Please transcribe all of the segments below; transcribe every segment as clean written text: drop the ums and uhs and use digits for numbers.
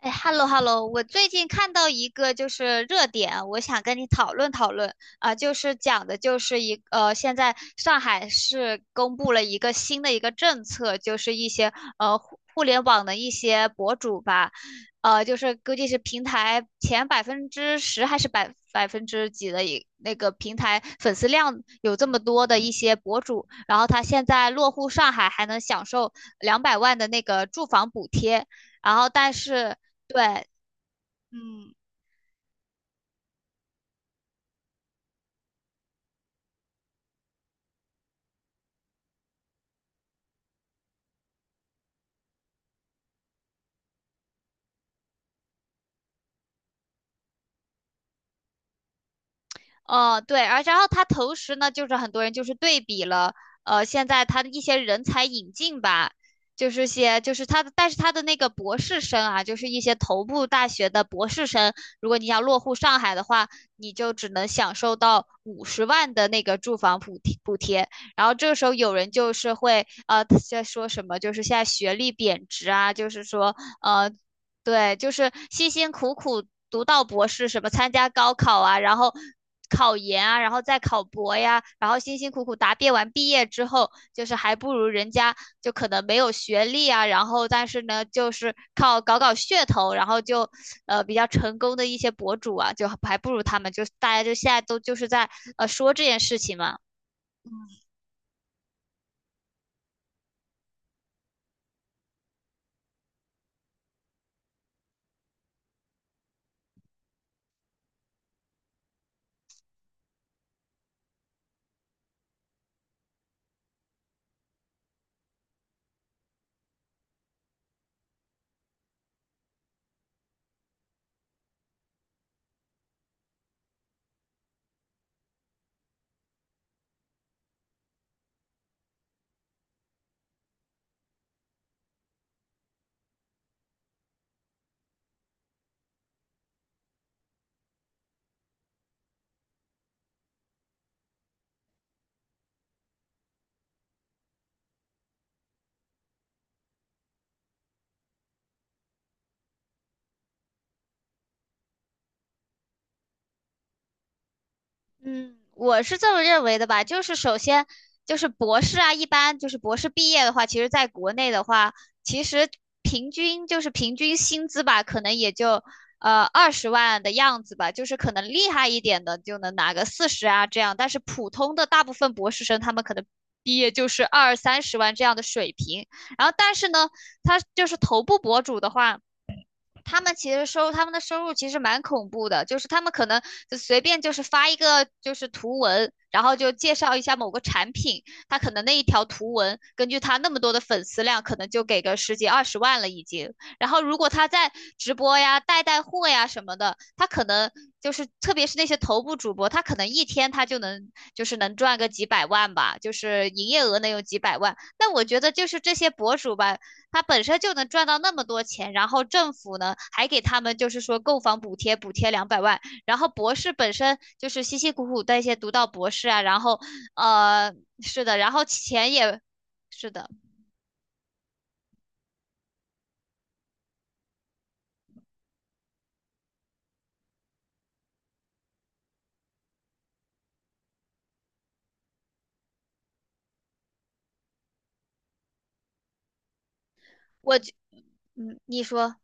哎，hello hello，我最近看到一个就是热点，我想跟你讨论讨论啊，就是讲的就是现在上海市公布了一个新的一个政策，就是一些互联网的一些博主吧，就是估计是平台前10%还是百分之几的那个平台粉丝量有这么多的一些博主，然后他现在落户上海还能享受两百万的那个住房补贴。然后但是对，对，然后他同时呢，就是很多人就是对比了，现在他的一些人才引进吧，就是些就是他的，但是他的那个博士生啊，就是一些头部大学的博士生，如果你要落户上海的话，你就只能享受到50万的那个住房补贴，然后这个时候有人就是会在说什么，就是现在学历贬值啊，就是说呃对，就是辛辛苦苦读到博士，什么参加高考啊，然后考研啊，然后再考博呀，然后辛辛苦苦答辩完毕业之后，就是还不如人家就可能没有学历啊，然后但是呢，就是靠搞搞噱头，然后就比较成功的一些博主啊，就还不如他们，就大家就现在都就是在说这件事情嘛。嗯，我是这么认为的吧，就是首先就是博士啊，一般就是博士毕业的话，其实在国内的话，其实平均薪资吧，可能也就二十万的样子吧，就是可能厉害一点的就能拿个四十啊这样，但是普通的大部分博士生他们可能毕业就是二三十万这样的水平，然后但是呢，他就是头部博主的话。他们的收入其实蛮恐怖的，就是他们可能就随便就是发一个就是图文，然后就介绍一下某个产品，他可能那一条图文，根据他那么多的粉丝量，可能就给个十几二十万了已经。然后如果他在直播呀、带带货呀什么的，他可能就是特别是那些头部主播，他可能一天他就能赚个几百万吧，就是营业额能有几百万。那我觉得就是这些博主吧。他本身就能赚到那么多钱，然后政府呢还给他们就是说购房补贴，补贴两百万，然后博士本身就是辛辛苦苦的一些读到博士啊，然后呃是的，然后钱也是的，我觉嗯你说。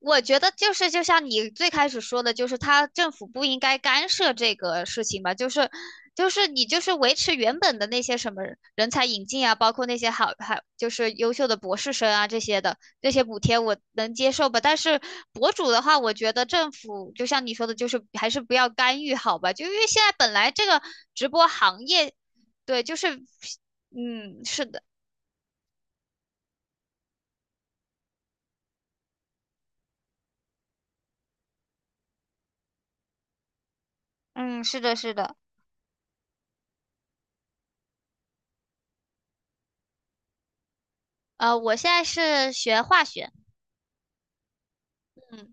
我觉得就是就像你最开始说的，就是他政府不应该干涉这个事情吧，就是你就是维持原本的那些什么人才引进啊，包括那些就是优秀的博士生啊这些补贴我能接受吧，但是博主的话，我觉得政府就像你说的，就是还是不要干预好吧，就因为现在本来这个直播行业，对，就是嗯是的，嗯是的是的，我现在是学化学，嗯。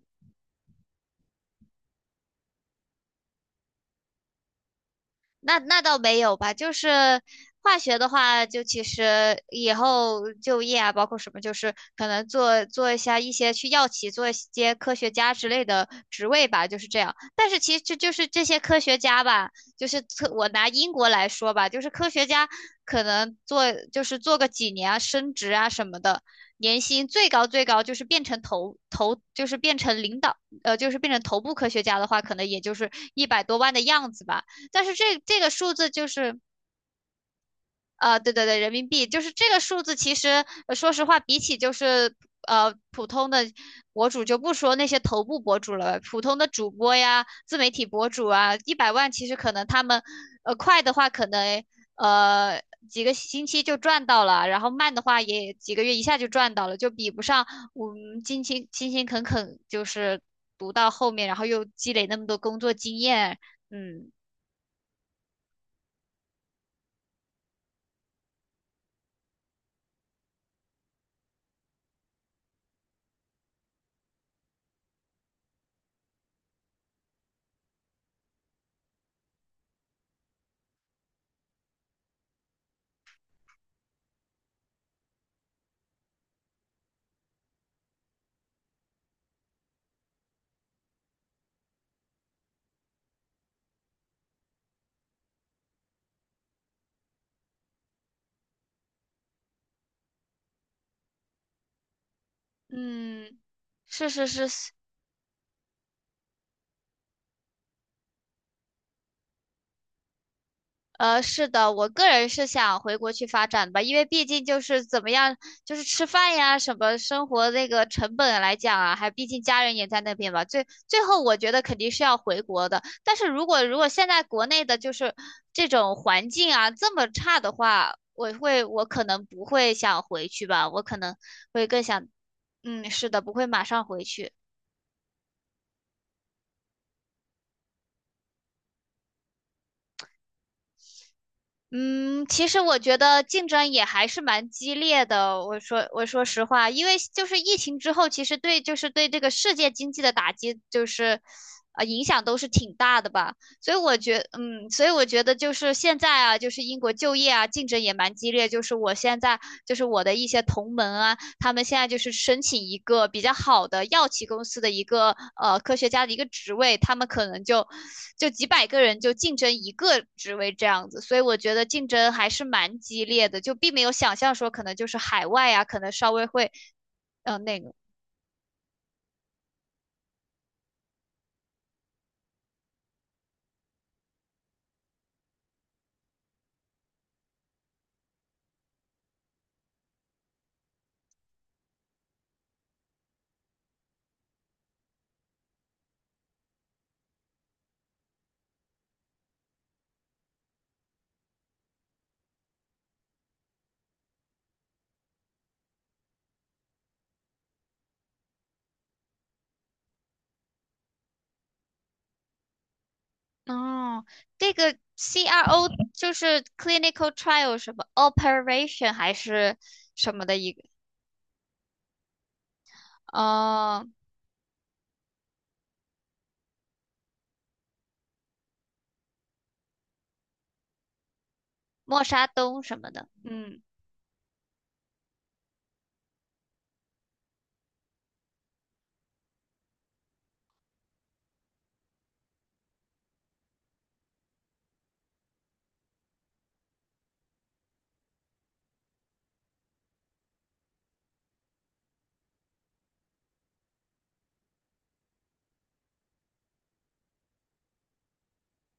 那倒没有吧，就是化学的话，就其实以后就业啊，包括什么，就是可能做做一下一些去药企做一些科学家之类的职位吧，就是这样。但是其实这就是这些科学家吧，就是我拿英国来说吧，就是科学家可能做就是做个几年啊，升职啊什么的，年薪最高最高就是变成头头，就是变成领导，就是变成头部科学家的话，可能也就是100多万的样子吧。但是这个数字就是，对对对，人民币就是这个数字。其实说实话，比起就是普通的博主就不说那些头部博主了，普通的主播呀、自媒体博主啊，100万其实可能他们，快的话可能呃几个星期就赚到了，然后慢的话也几个月一下就赚到了，就比不上我们辛勤勤恳恳就是读到后面，然后又积累那么多工作经验，嗯。嗯，是是是，是是的，我个人是想回国去发展吧，因为毕竟就是怎么样，就是吃饭呀，什么生活那个成本来讲啊，还毕竟家人也在那边吧。最后，我觉得肯定是要回国的。但是如果现在国内的就是这种环境啊这么差的话，我可能不会想回去吧，我可能会更想，嗯，是的，不会马上回去。嗯，其实我觉得竞争也还是蛮激烈的。我说实话，因为就是疫情之后，其实对这个世界经济的打击，就是影响都是挺大的吧。所以我觉，嗯，所以我觉得就是现在啊，就是英国就业啊，竞争也蛮激烈。就是我现在就是我的一些同门啊。他们现在就是申请一个比较好的药企公司的一个科学家的一个职位，他们可能就几百个人就竞争一个职位这样子，所以我觉得竞争还是蛮激烈的，就并没有想象说可能就是海外啊，可能稍微会呃那个哦，这个 CRO 就是 clinical trial 什么 operation 还是什么的一个，呃，默沙东什么的，嗯。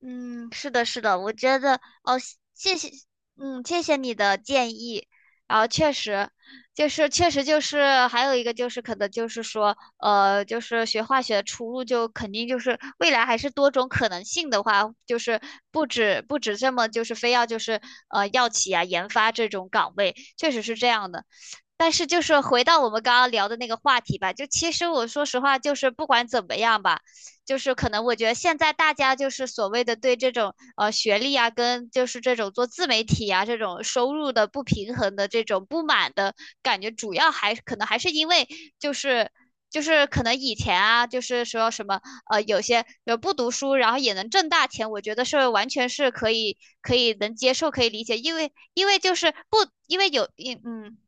嗯，是的，是的，我觉得哦，谢谢，嗯，谢谢你的建议。然后确实就是还有一个就是可能就是说，就是学化学的出路就肯定就是未来还是多种可能性的话，就是不止这么就是非要就是药企啊研发这种岗位，确实是这样的。但是就是回到我们刚刚聊的那个话题吧，就其实我说实话，就是不管怎么样吧，就是可能我觉得现在大家就是所谓的对这种学历啊，跟就是这种做自媒体啊这种收入的不平衡的这种不满的感觉，主要还可能还是因为就是就是可能以前啊，就是说什么有些不读书然后也能挣大钱，我觉得是完全是可以能接受可以理解，因为就是不因为有嗯嗯。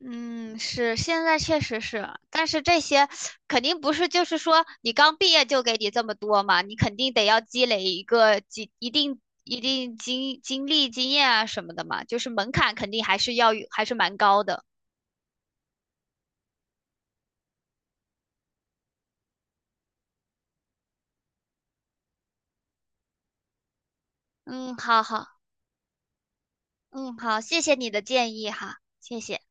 嗯，是，现在确实是，但是这些肯定不是，就是说你刚毕业就给你这么多嘛，你肯定得要积累一个几一定一定经历经验啊什么的嘛，就是门槛肯定还是要有还是蛮高的。嗯，好好，嗯好，谢谢你的建议哈，谢谢。